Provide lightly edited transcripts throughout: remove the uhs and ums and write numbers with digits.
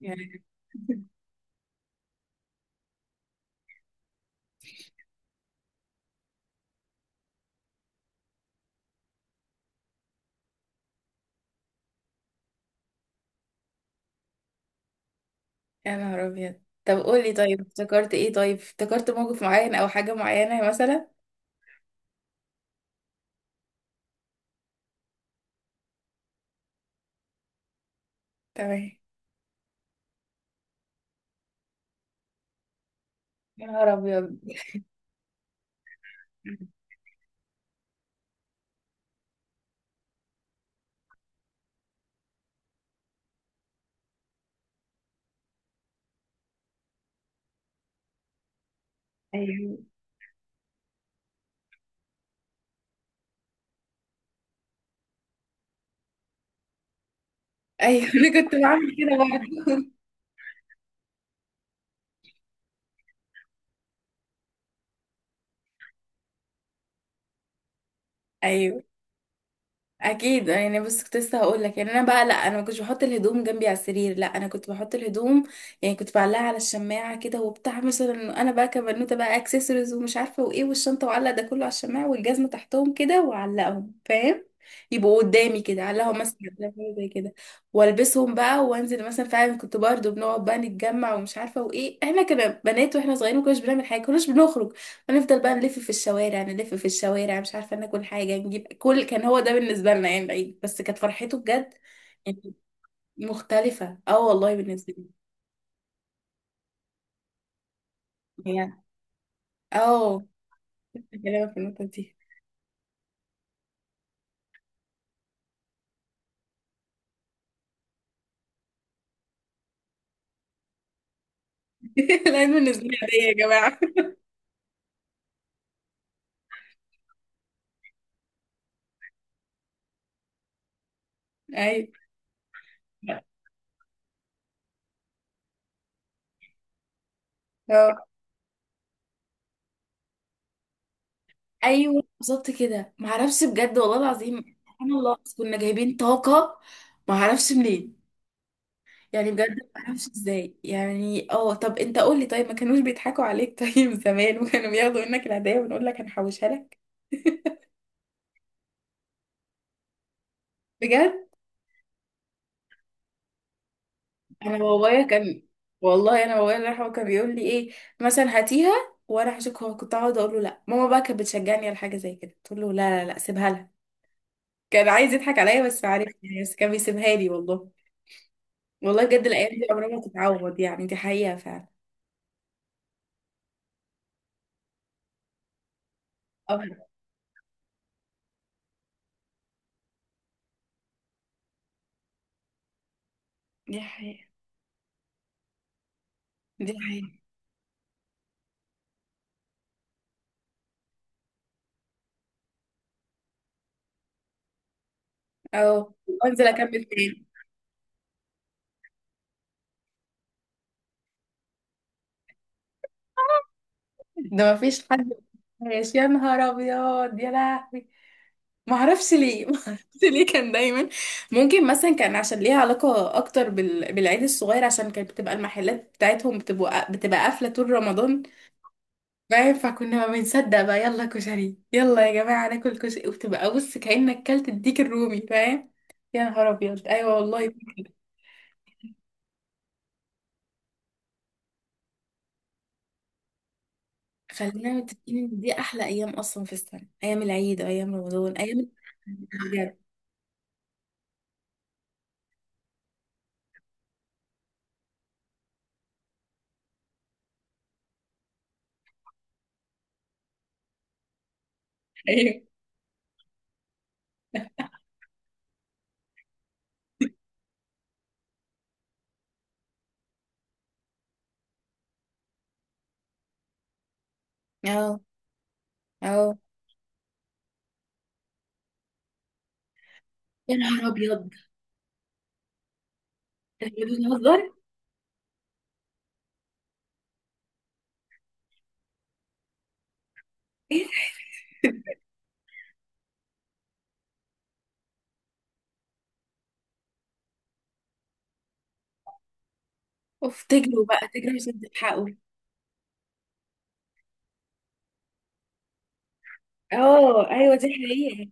يعني يا نهار ابيض، طب قولي، طيب افتكرت موقف معين او حاجة معينة مثلا. تمام. يا نهار ابيض. ايوه، ايوه، انا كنت بعمل كده برضه. ايوه اكيد، بس كنت لسه هقول لك، انا بقى لا، انا ما كنتش بحط الهدوم جنبي على السرير، لا انا كنت بحط الهدوم. كنت بعلقها على الشماعه كده وبتاع، مثلا انا بقى كبنوته بقى اكسسوارز ومش عارفه وايه والشنطه، وعلق ده كله على الشماعه والجزمه تحتهم كده واعلقهم، فاهم؟ يبقوا قدامي كده، اعلقهم مثلا على حاجة زي كده، والبسهم بقى وانزل. مثلا فعلا كنت برضو بنقعد بقى نتجمع ومش عارفه وايه، احنا كنا بنات واحنا صغيرين ما كناش بنعمل حاجه، كناش بنخرج. هنفضل بقى نلف في الشوارع، نلف في الشوارع، مش عارفه ناكل حاجه نجيب كل، كان هو ده بالنسبه لنا، العيد بس كانت فرحته بجد. يعني مختلفه اه والله بالنسبه لي. يعني اه كلامك في النقطه دي. العيد بالنسبه لي عاديه يا جماعه. ايوه. اه. ايوه بالظبط كده، ما اعرفش بجد والله العظيم، سبحان الله، بس كنا جايبين طاقه، ما اعرفش منين. بجد ما اعرفش ازاي. طب انت قول لي، طيب ما كانوش بيضحكوا عليك؟ طيب زمان وكانوا بياخدوا منك العيدية ونقول لك هنحوشها لك؟ بجد؟ انا بابايا كان، والله انا بابايا الله يرحمه كان بيقول لي ايه، مثلا هاتيها وانا هشك، هو كنت اقعد اقول له لا، ماما بقى كانت بتشجعني على حاجه زي كده، تقول له لا لا لا سيبها لها. كان عايز يضحك عليا بس عارف، بس كان بيسيبها لي والله. والله بجد الايام دي عمرها ما تتعوض، دي حقيقه فعلا. اه. دي حقيقه. دي حقيقه. اه وانزل اكمل تاني. ده ما فيش حد. ماشي. يا نهار ابيض يا لهوي. ما اعرفش ليه، ما اعرفش ليه كان دايما. ممكن مثلا كان عشان ليها علاقه اكتر بالعيد الصغير، عشان كانت بتبقى المحلات بتاعتهم بتبقى قافله طول رمضان، فاهم؟ فكنا ما بنصدق بقى، يلا كشري، يلا يا جماعه ناكل كشري، وبتبقى بص كانك كلت الديك الرومي، فاهم؟ يا نهار ابيض ايوه والله. خلينا متفقين ان دي احلى ايام اصلا في السنه، ايام العيد وايام رمضان، ايام بجد. ايوه. اه. اه يا نهار ابيض ده، إحنا بنهزر. ايه ده؟ اوف، تجروا بقى تجروا عشان تلحقوا. اه ايوه دي حقيقة.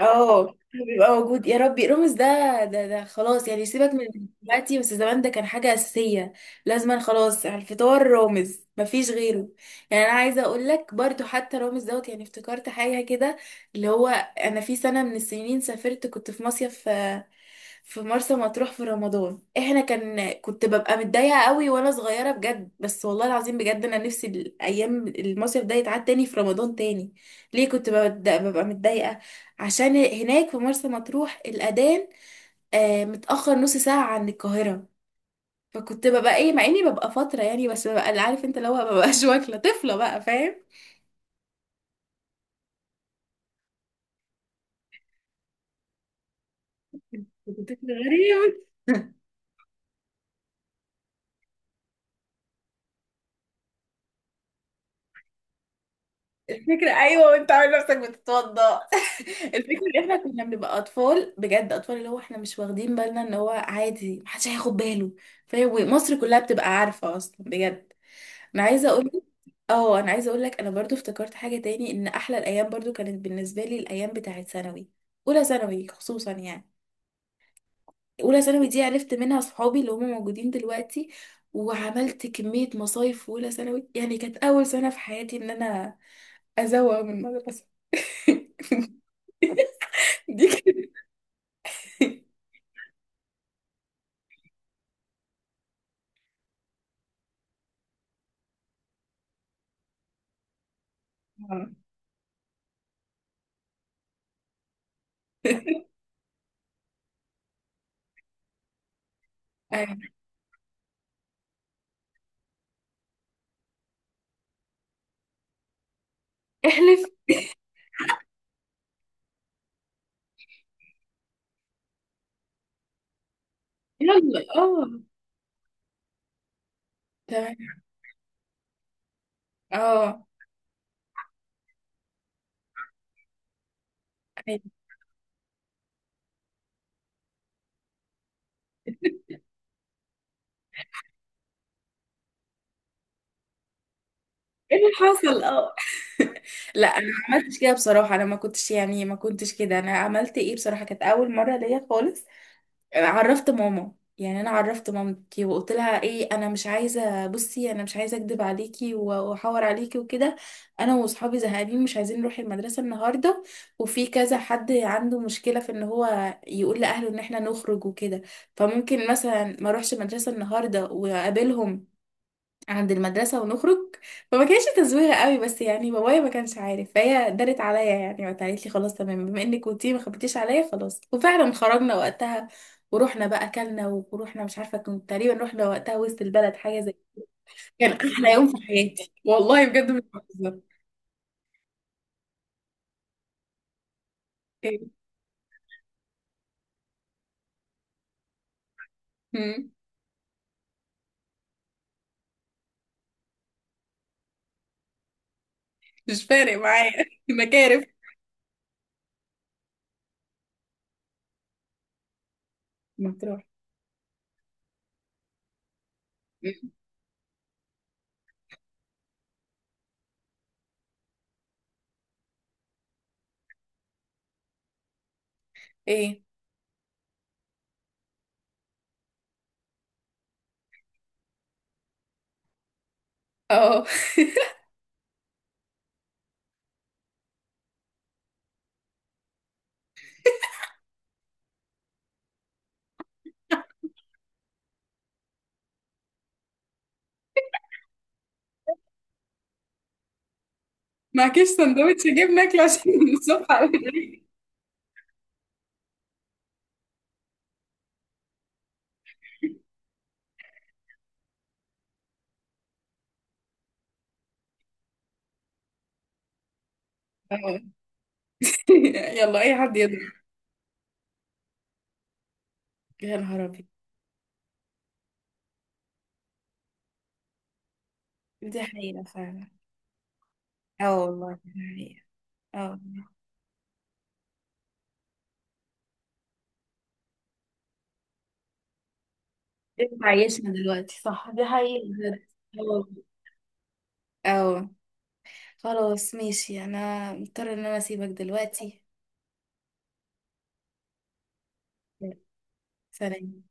اه بيبقى موجود يا ربي رامز ده. ده خلاص، سيبك من دلوقتي، بس زمان ده كان حاجة أساسية، لازما خلاص على الفطار رامز مفيش غيره. أنا عايزة أقول لك برضو حتى رامز دوت، افتكرت حاجة كده، اللي هو أنا في سنة من السنين سافرت، كنت في مصيف في مرسى مطروح في رمضان، احنا كان كنت ببقى متضايقه قوي وانا صغيره بجد، بس والله العظيم بجد انا نفسي الايام المصيف ده يتعاد تاني في رمضان تاني. ليه كنت ببقى متضايقه؟ عشان هناك في مرسى مطروح الاذان متاخر نص ساعه عن القاهره. فكنت ببقى ايه، مع اني ببقى فتره، بس ببقى عارف انت اللي هو مببقاش واكله طفله بقى، فاهم؟ كنت طفل غريب. الفكرة أيوة وأنت عامل نفسك بتتوضأ. الفكرة إن إحنا كنا بنبقى أطفال بجد، أطفال اللي هو إحنا مش واخدين بالنا إن هو عادي محدش هياخد باله، فاهم؟ ومصر كلها بتبقى عارفة أصلا بجد. أنا عايزة أقول لك، أه أنا عايزة أقول لك، أنا برضو افتكرت حاجة تاني، إن أحلى الأيام برضو كانت بالنسبة لي الأيام بتاعة ثانوي، أولى ثانوي خصوصا، أولى ثانوي دي عرفت منها صحابي اللي هم موجودين دلوقتي، وعملت كمية مصايف في أولى ثانوي، كانت أول سنة في حياتي إن أنا أزوغ من المدرسة. دي كده. آه. أيوة. احلف. يلا اه. تمام. اه. ايوه. ايه اللي حصل؟ اه. لا انا ما عملتش كده بصراحه، انا ما كنتش ما كنتش كده، انا عملت ايه بصراحه، كانت اول مره ليا خالص، عرفت ماما، انا عرفت مامتي وقلت لها ايه، انا مش عايزه، بصي انا مش عايزه اكدب عليكي و- واحور عليكي وكده. انا واصحابي زهقانين، مش عايزين نروح المدرسه النهارده، وفي كذا حد عنده مشكله في ان هو يقول لاهله ان احنا نخرج وكده، فممكن مثلا ما اروحش المدرسه النهارده واقابلهم عند المدرسة ونخرج. فما كانش تزويغة قوي، بس بابايا ما كانش عارف، فهي دارت عليا، وقتها قالت لي خلاص تمام، بما انك كنتي ما خبيتيش عليا خلاص، وفعلا خرجنا وقتها ورحنا بقى اكلنا، ورحنا مش عارفة كنت تقريبا، رحنا وقتها وسط البلد حاجة زي. كان احلى يوم في حياتي والله بجد مش بهزر. إيه؟ مم. مش فارق معايا. مكارف مطروح. مم. ايه. اه. معكيش سندوتش جبنة اكل عشان الصبح أوي. آه. يلا اي حد يضرب. يا نهار ابيض. دي حقيقة فعلا. اه والله دي حقيقة. اه والله. انت عايشنا دلوقتي صح، دي حقيقة بجد. اه والله. اه. خلاص ماشي، انا مضطرة ان انا اسيبك دلوقتي. سلام.